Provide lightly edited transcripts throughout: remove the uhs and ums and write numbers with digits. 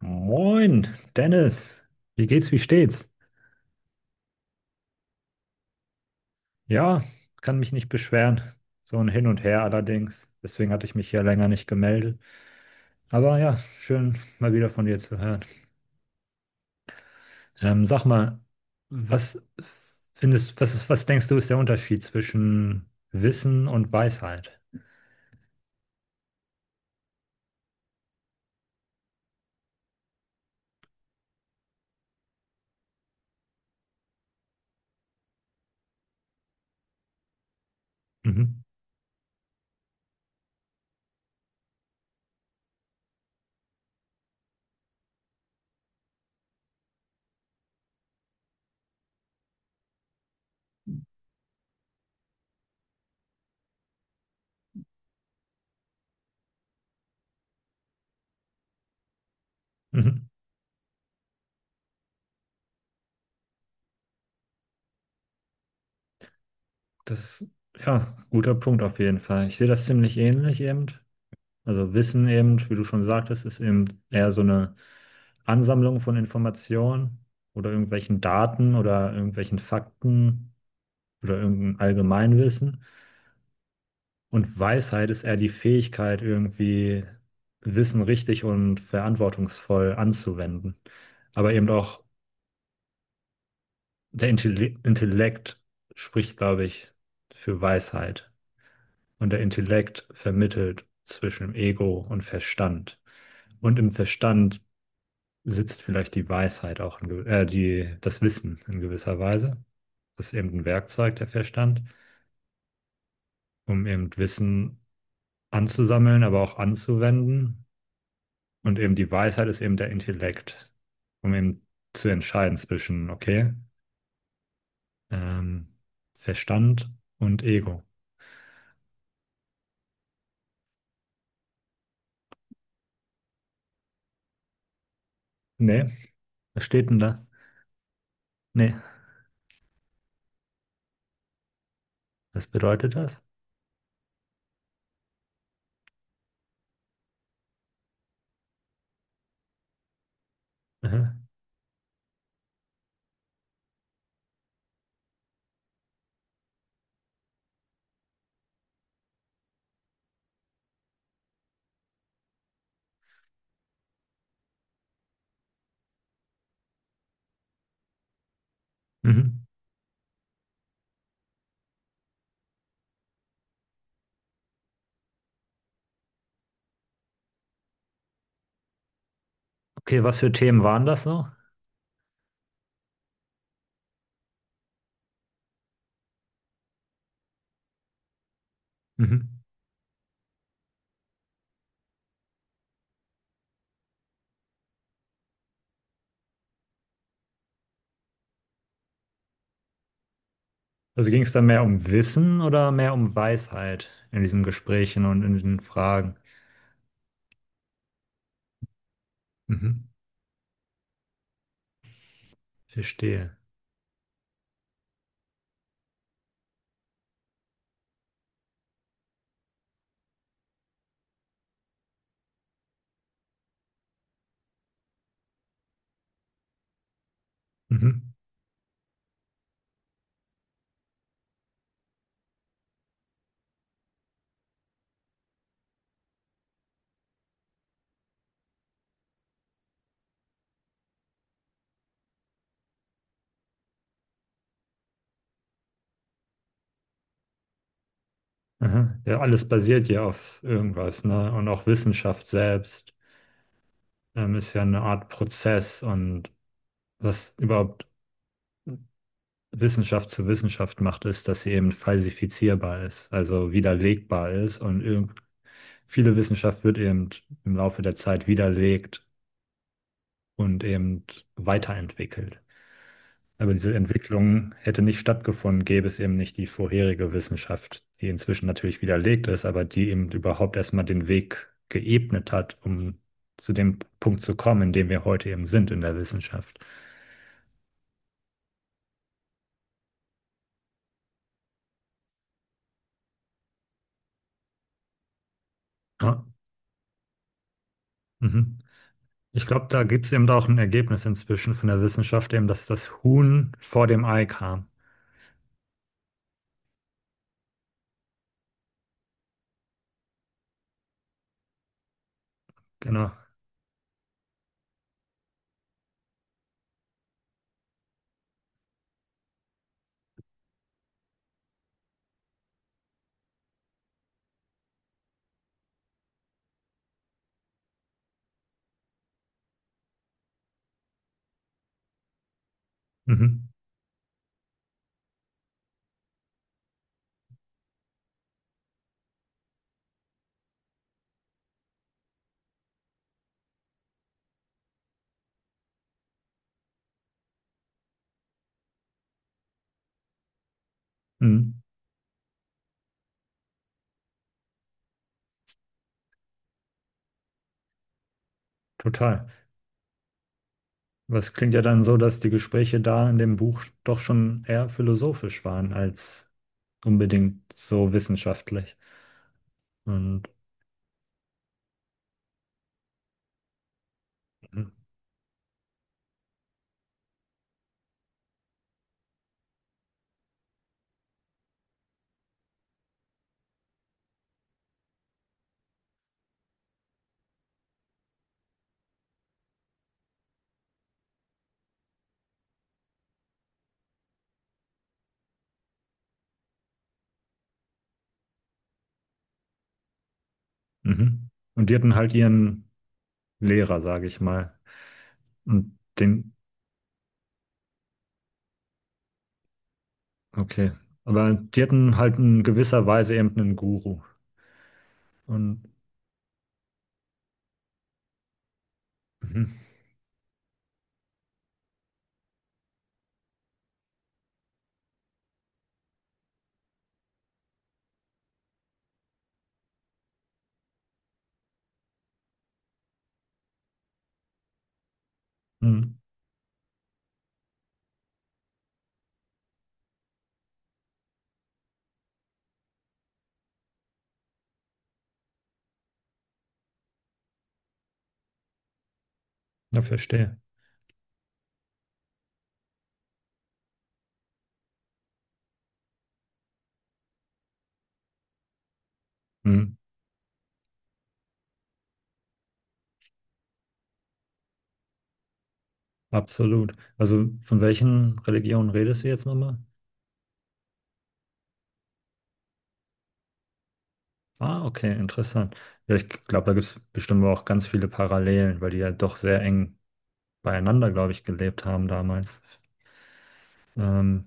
Moin, Dennis. Wie geht's, wie steht's? Ja, kann mich nicht beschweren. So ein Hin und Her allerdings. Deswegen hatte ich mich hier länger nicht gemeldet. Aber ja, schön mal wieder von dir zu hören. Sag mal, was was denkst du, ist der Unterschied zwischen Wissen und Weisheit? Mhm. Mhm. Das, ja, guter Punkt auf jeden Fall. Ich sehe das ziemlich ähnlich eben. Also Wissen eben, wie du schon sagtest, ist eben eher so eine Ansammlung von Informationen oder irgendwelchen Daten oder irgendwelchen Fakten oder irgendein Allgemeinwissen. Und Weisheit ist eher die Fähigkeit, irgendwie Wissen richtig und verantwortungsvoll anzuwenden. Aber eben auch der Intelli Intellekt spricht, glaube ich, für Weisheit. Und der Intellekt vermittelt zwischen Ego und Verstand. Und im Verstand sitzt vielleicht die Weisheit auch das Wissen in gewisser Weise. Das ist eben ein Werkzeug, der Verstand, um eben Wissen anzusammeln, aber auch anzuwenden. Und eben die Weisheit ist eben der Intellekt, um eben zu entscheiden zwischen, okay, ähm, Verstand und Ego. Nee, was steht denn da? Nee, was bedeutet das? Mhm. Mhm. Okay, was für Themen waren das so? Mhm. Also ging es da mehr um Wissen oder mehr um Weisheit in diesen Gesprächen und in den Fragen? Mhm. Verstehe. Mhm. Aha. Ja, alles basiert ja auf irgendwas, ne? Und auch Wissenschaft selbst ist ja eine Art Prozess, und was überhaupt Wissenschaft zu Wissenschaft macht, ist, dass sie eben falsifizierbar ist, also widerlegbar ist, und irgend viele Wissenschaft wird eben im Laufe der Zeit widerlegt und eben weiterentwickelt. Aber diese Entwicklung hätte nicht stattgefunden, gäbe es eben nicht die vorherige Wissenschaft, die inzwischen natürlich widerlegt ist, aber die eben überhaupt erstmal den Weg geebnet hat, um zu dem Punkt zu kommen, in dem wir heute eben sind in der Wissenschaft. Ja, mhm. Ich glaube, da gibt es eben auch ein Ergebnis inzwischen von der Wissenschaft, eben, dass das Huhn vor dem Ei kam. Genau. Mhm. Mhm. Total. Was klingt ja dann so, dass die Gespräche da in dem Buch doch schon eher philosophisch waren als unbedingt so wissenschaftlich. Und, mhm. Und die hatten halt ihren Lehrer, sage ich mal. Und den, okay. Aber die hatten halt in gewisser Weise eben einen Guru. Und mhm. Mhm. Ja, verstehe. Mhm. Absolut. Also von welchen Religionen redest du jetzt nochmal? Ah, okay, interessant. Ja, ich glaube, da gibt es bestimmt auch ganz viele Parallelen, weil die ja doch sehr eng beieinander, glaube ich, gelebt haben damals. Ähm,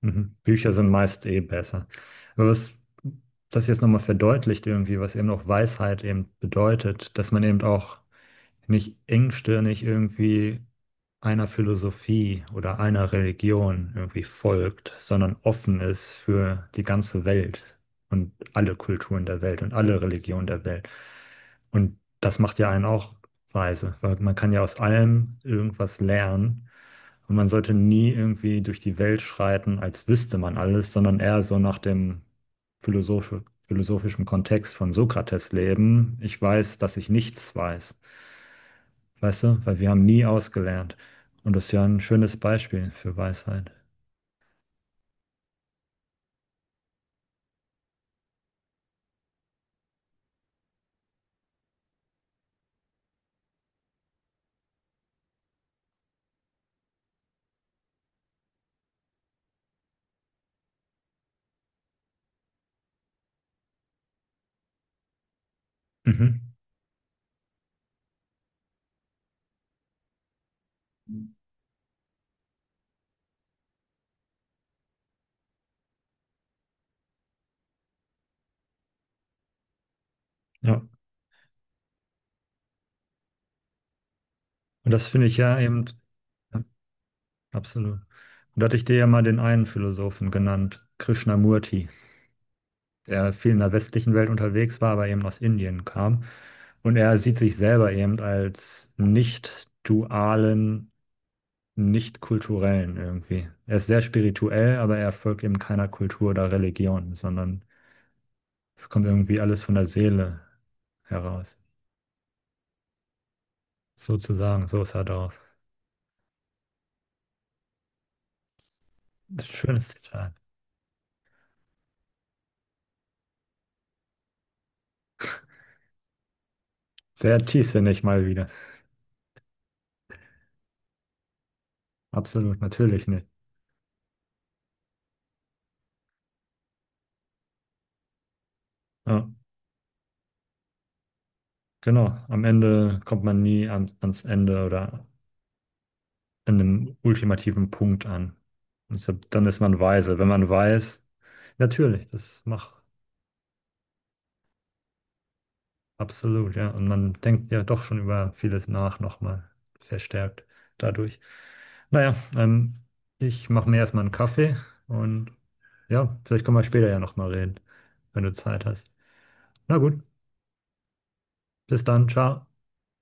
Mhm. Bücher sind meist eh besser. Aber was das jetzt nochmal verdeutlicht irgendwie, was eben auch Weisheit eben bedeutet, dass man eben auch nicht engstirnig irgendwie einer Philosophie oder einer Religion irgendwie folgt, sondern offen ist für die ganze Welt und alle Kulturen der Welt und alle Religionen der Welt. Und das macht ja einen auch weise, weil man kann ja aus allem irgendwas lernen, und man sollte nie irgendwie durch die Welt schreiten, als wüsste man alles, sondern eher so nach dem philosophischen Kontext von Sokrates leben. Ich weiß, dass ich nichts weiß. Weißt du, weil wir haben nie ausgelernt. Und das ist ja ein schönes Beispiel für Weisheit. Mhm. Ja. Und das finde ich ja eben, ja, absolut. Und da hatte ich dir ja mal den einen Philosophen genannt, Krishnamurti, der viel in der westlichen Welt unterwegs war, aber eben aus Indien kam. Und er sieht sich selber eben als nicht dualen, nicht kulturellen irgendwie. Er ist sehr spirituell, aber er folgt eben keiner Kultur oder Religion, sondern es kommt irgendwie alles von der Seele heraus. Sozusagen, so sah er aus. Das schönste Detail. Sehr tiefsinnig mal wieder. Absolut, natürlich nicht. Ja, genau. Am Ende kommt man nie an, ans Ende oder an einem ultimativen Punkt an. Und ich glaub, dann ist man weise. Wenn man weiß, natürlich, das macht absolut, ja. Und man denkt ja doch schon über vieles nach, nochmal verstärkt dadurch. Naja, ich mache mir erstmal einen Kaffee und ja, vielleicht können wir später ja nochmal reden, wenn du Zeit hast. Na gut, bis dann, ciao.